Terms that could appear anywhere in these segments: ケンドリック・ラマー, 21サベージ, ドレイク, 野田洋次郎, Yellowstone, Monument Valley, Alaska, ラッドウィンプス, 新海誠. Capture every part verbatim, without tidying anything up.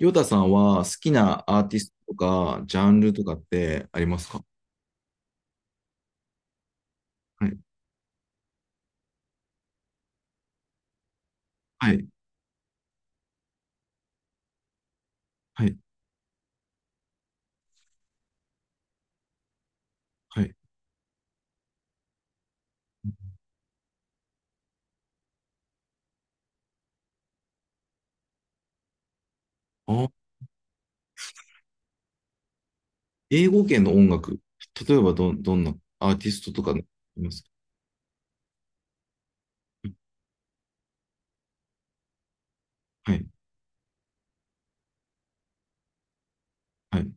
ヨタさんは好きなアーティストとか、ジャンルとかってありますか？はい。はい。はい。はい。あ、英語圏の音楽。例えばど、どんなアーティストとかありますか？はい。はい。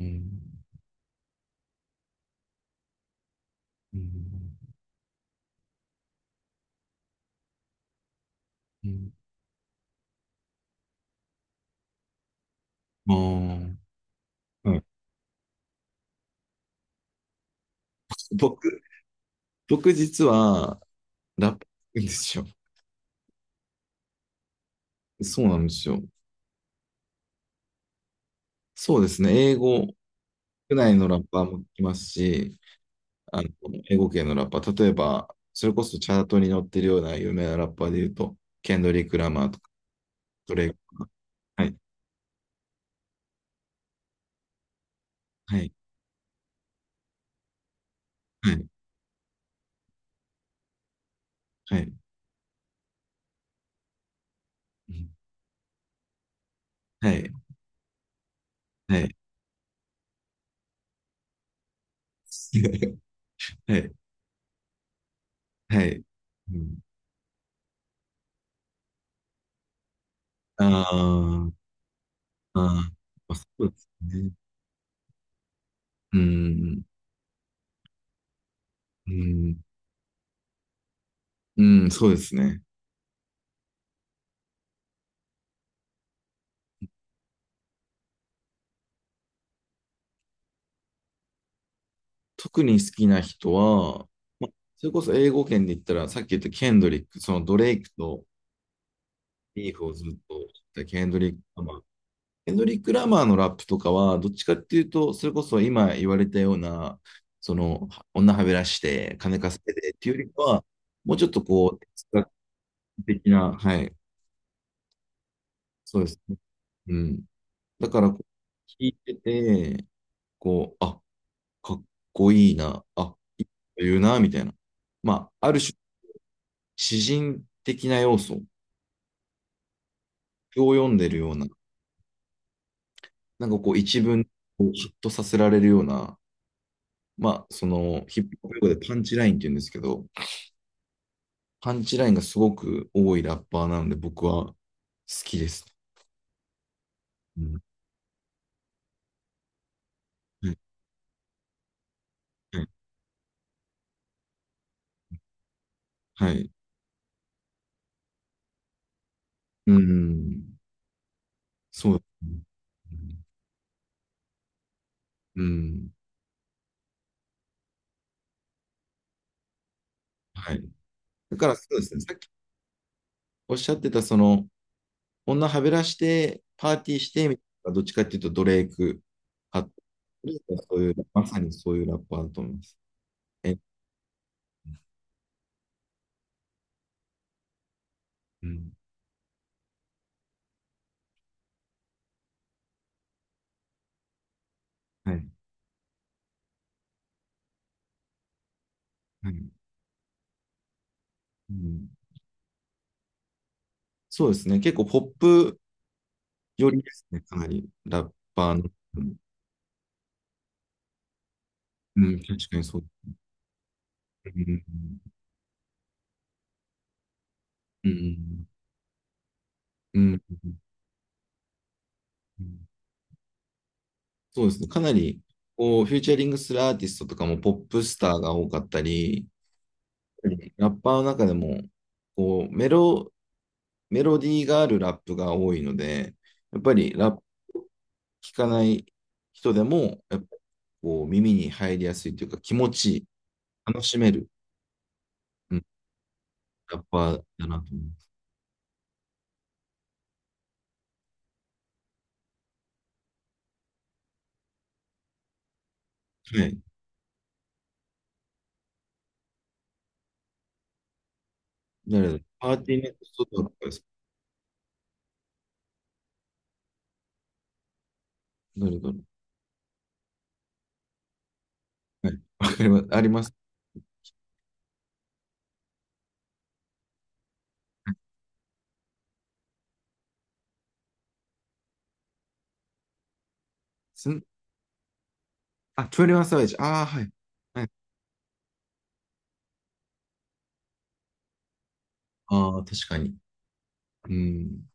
うん。うん。うん。あー。はい。僕、僕実はラップなんですよ。そうなんですよ。そうですね。英語、国内のラッパーも聞きますし、あの、英語系のラッパー。例えば、それこそチャートに載ってるような有名なラッパーで言うと、ケンドリック・ラマーとか、ドレイクとか。はい、はい、はい、はい、はい、はい、はい、はい。うん。あー。あー、そうですね。うん、うん、うん、そうですね。特に好きな人は、まあ、それこそ英語圏で言ったら、さっき言ったケンドリック、そのドレイクとビーフをずっとしてたケンドリック・ラマエンドリック・ラマーのラップとかは、どっちかっていうと、それこそ今言われたような、その、女はべらして、金稼いでっていうよりかは、もうちょっとこう、哲学的な、はい、そうですね。うん。だからこう、聞いてて、こう、あ、かっこいいな、あ、いいこと言うな、みたいな。まあ、ある種、詩人的な要素を読んでるような、なんかこう、一文をヒッとさせられるような、まあ、その、ヒップホップ用語でパンチラインって言うんですけど、パンチラインがすごく多いラッパーなので、僕は好きです。うん。はい。はい。はい。うん。そうですね。うん。はい。だからそうですね。さっきおっしゃってた、その、女はべらして、パーティーして、みたいな、どっちかっていうとドレイク派、そういう、まさにそういうラッパーだと思います。え、うん。はい。はい。うん。そうですね。結構ポップ寄りですね。かなり、ラッパーの。うん、うん確かにそう。うん。うん、うん、うん。そうですね。かなり、こう、フューチャリングするアーティストとかもポップスターが多かったり、ラッパーの中でも、こう、メロ、メロディーがあるラップが多いので、やっぱりラップ聞かない人でも、やっぱこう、耳に入りやすいというか、気持ちいい、楽しめる、うん、ラッパーだなと思います。はい。誰だ、パーティーネットとかですか？誰だろう。はい。わかります。あります。あ、トゥエンティーワンサベージ。ああ、はい。はい。ああ、確かに。うん。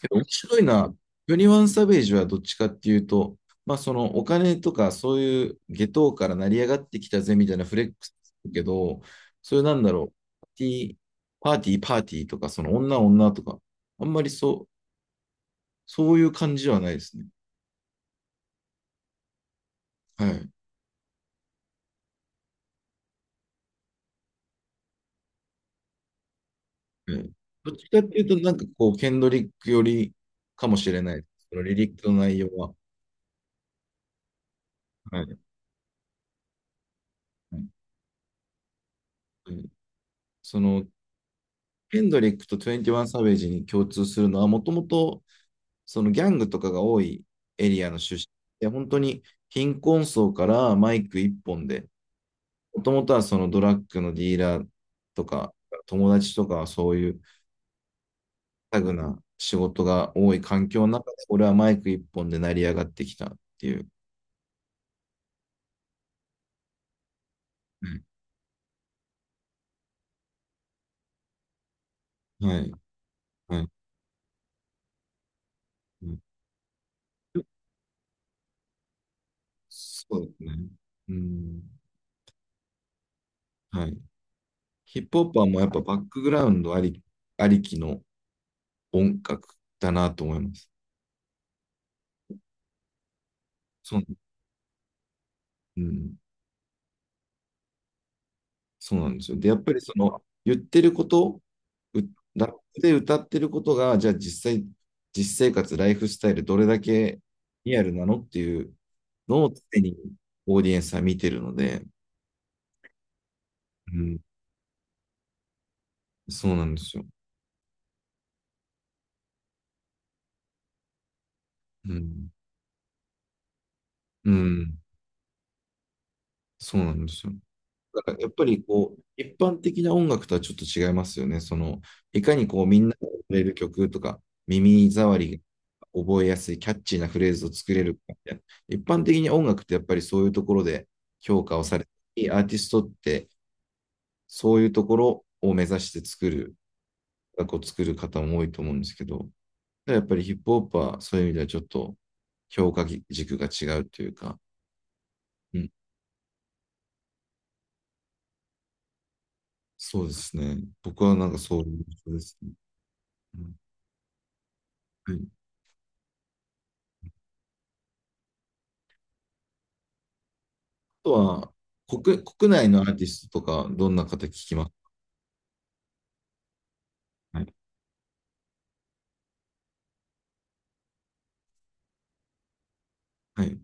けど面白いな。トゥエンティーワンサベージはどっちかっていうと、まあそのお金とかそういう下等から成り上がってきたぜみたいなフレックスだけど、そういうなんだろう、パーティー、パーティー、パーティーとか、その女女とか、あんまりそう、そういう感じはないですね。はい。うん、どっちかっていうと、なんかこう、ケンドリックよりかもしれない。そのリリックの内容は。はい。はい。うん、その、ヘンドリックとトゥエンティーワンサベージに共通するのは、もともとそのギャングとかが多いエリアの出身で、本当に貧困層からマイク一本で、もともとはそのドラッグのディーラーとか、友達とかはそういうタグな仕事が多い環境の中で、俺はマイク一本で成り上がってきたっていう。うん。はい、はい、うん。そうですね。うん、はい。ヒップホッパーもやっぱバックグラウンドあり、ありきの音楽だなと思います。そう、うん、そうなんですよ。で、やっぱりその言ってること、う、ラップで歌ってることが、じゃあ実際、実生活、ライフスタイル、どれだけリアルなのっていうのを常にオーディエンスは見てるので、うん、そうなんですよ。うん、うん、そうなんですよ。だからやっぱりこう、一般的な音楽とはちょっと違いますよね。その、いかにこう、みんなが踊れる曲とか、耳障りが覚えやすい、キャッチーなフレーズを作れるかみたいな。一般的に音楽ってやっぱりそういうところで評価をされて、アーティストってそういうところを目指して作る、音楽を作る方も多いと思うんですけど、やっぱりヒップホップはそういう意味ではちょっと評価軸が違うというか、うん、そうですね。僕はなんかそういう印ですね。うん。はい。とは、国、国内のアーティストとか、どんな方聞きます？はい。はい。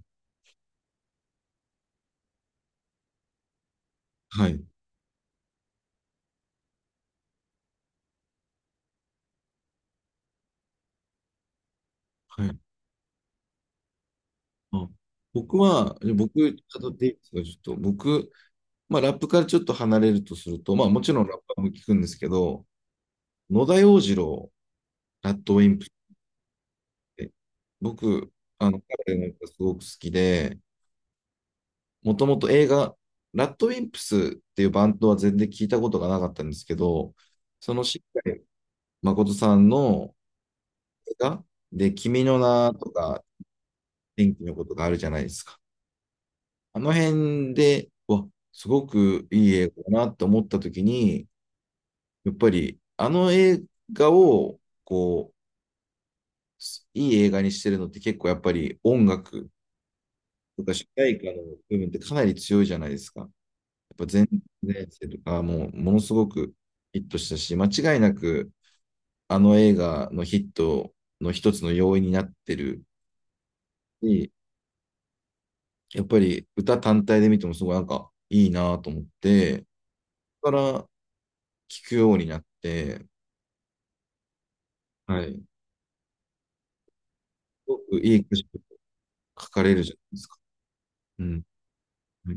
はい。はい。あ、僕は、じゃあ僕、辿っていいですか、ちょっと。僕、まあ、ラップからちょっと離れるとすると、まあ、もちろんラッパーも聞くんですけど、野田洋次郎、ラッドウィンプって、僕、あの、彼の歌すごく好きで、もともと映画、ラッドウィンプスっていうバンドは全然聞いたことがなかったんですけど、その、しっかり誠さんの映画で、君の名とか、天気のことがあるじゃないですか。あの辺で、わ、すごくいい映画だなって思った時に、やっぱりあの映画を、こう、いい映画にしてるのって結構やっぱり音楽とか主題歌の部分ってかなり強いじゃないですか。やっぱ全然生とかもうものすごくヒットしたし、間違いなくあの映画のヒットの一つの要因になってるし、やっぱり歌単体で見てもすごいなんかいいなと思って、だから聞くようになって、はい。すごくいい歌詞書かれるじゃないですか。うん。はい。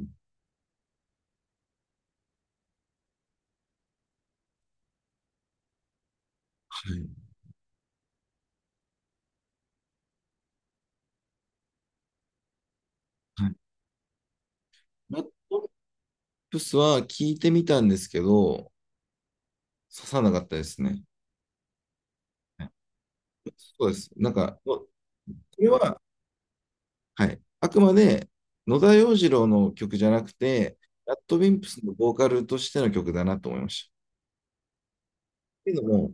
はい。ラッドリップスは聞いてみたんですけど、刺さなかったですね。はい。そうです。なんか、これは、はい。あくまで野田洋次郎の曲じゃなくて、ラッドウィンプスのボーカルとしての曲だなと思いました。っていうのも、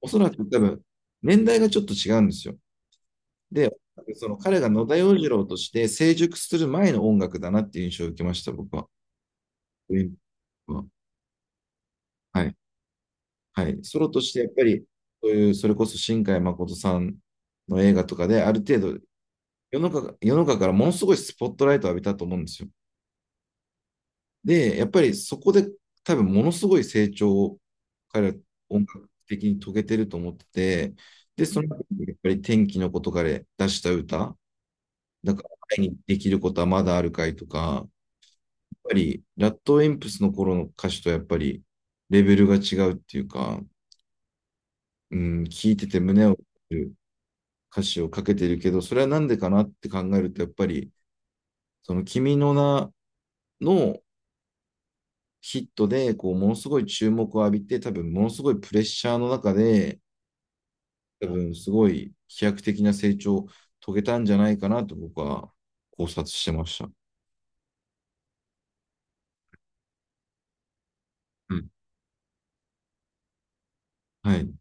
おそらく多分、年代がちょっと違うんですよ。で、その彼が野田洋次郎として成熟する前の音楽だなっていう印象を受けました、僕は。はい。はい。ソロとしてやっぱり、そういう、それこそ新海誠さんの映画とかで、ある程度世の中、世の中からものすごいスポットライトを浴びたと思うんですよ。で、やっぱりそこで多分ものすごい成長を彼は音楽的に遂げてると思ってて、で、その中にやっぱり天気のことから出した歌、だから前にできることはまだあるかいとか、ぱり、ラットウィンプスの頃の歌手とやっぱり、レベルが違うっていうか、うん、聞いてて胸を打る歌詞をかけてるけど、それはなんでかなって考えると、やっぱり、その君の名のヒットで、こう、ものすごい注目を浴びて、多分、ものすごいプレッシャーの中で、多分、すごい飛躍的な成長を遂げたんじゃないかなと僕は考察してました。うん。はい。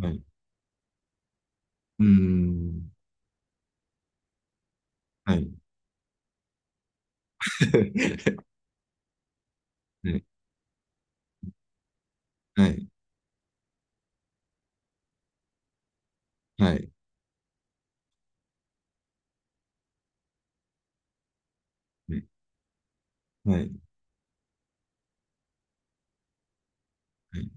はい。うーん。はい。はい。はい。はい。はい。はい。はい。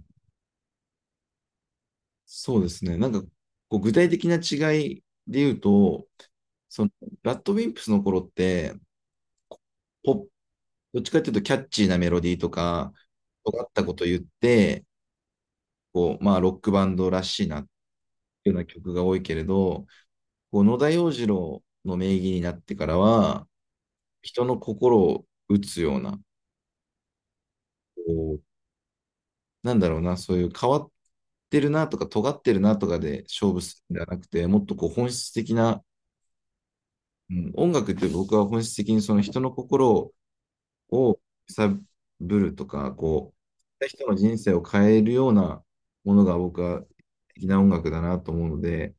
そうですね。なんか、こう具体的な違いで言うと、その、ラッドウィンプスの頃って、ポップ、どっちかっていうとキャッチーなメロディーとか、尖ったこと言って、こう、まあ、ロックバンドらしいなっていうような曲が多いけれど、こう野田洋次郎の名義になってからは、人の心を打つような、こう、なんだろうな、そういう変わってるなとか、尖ってるなとかで勝負するんではなくて、もっとこう本質的な、うん、音楽って僕は本質的にその人の心を揺さぶるとか、こう、人の人生を変えるようなものが僕は的な音楽だなと思うので、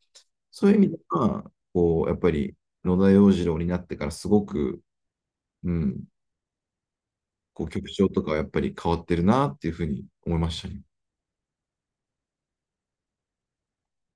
そういう意味では、こう、やっぱり野田洋次郎になってからすごく、うん、こう曲調とかはやっぱり変わってるなっていうふうに思いましたね。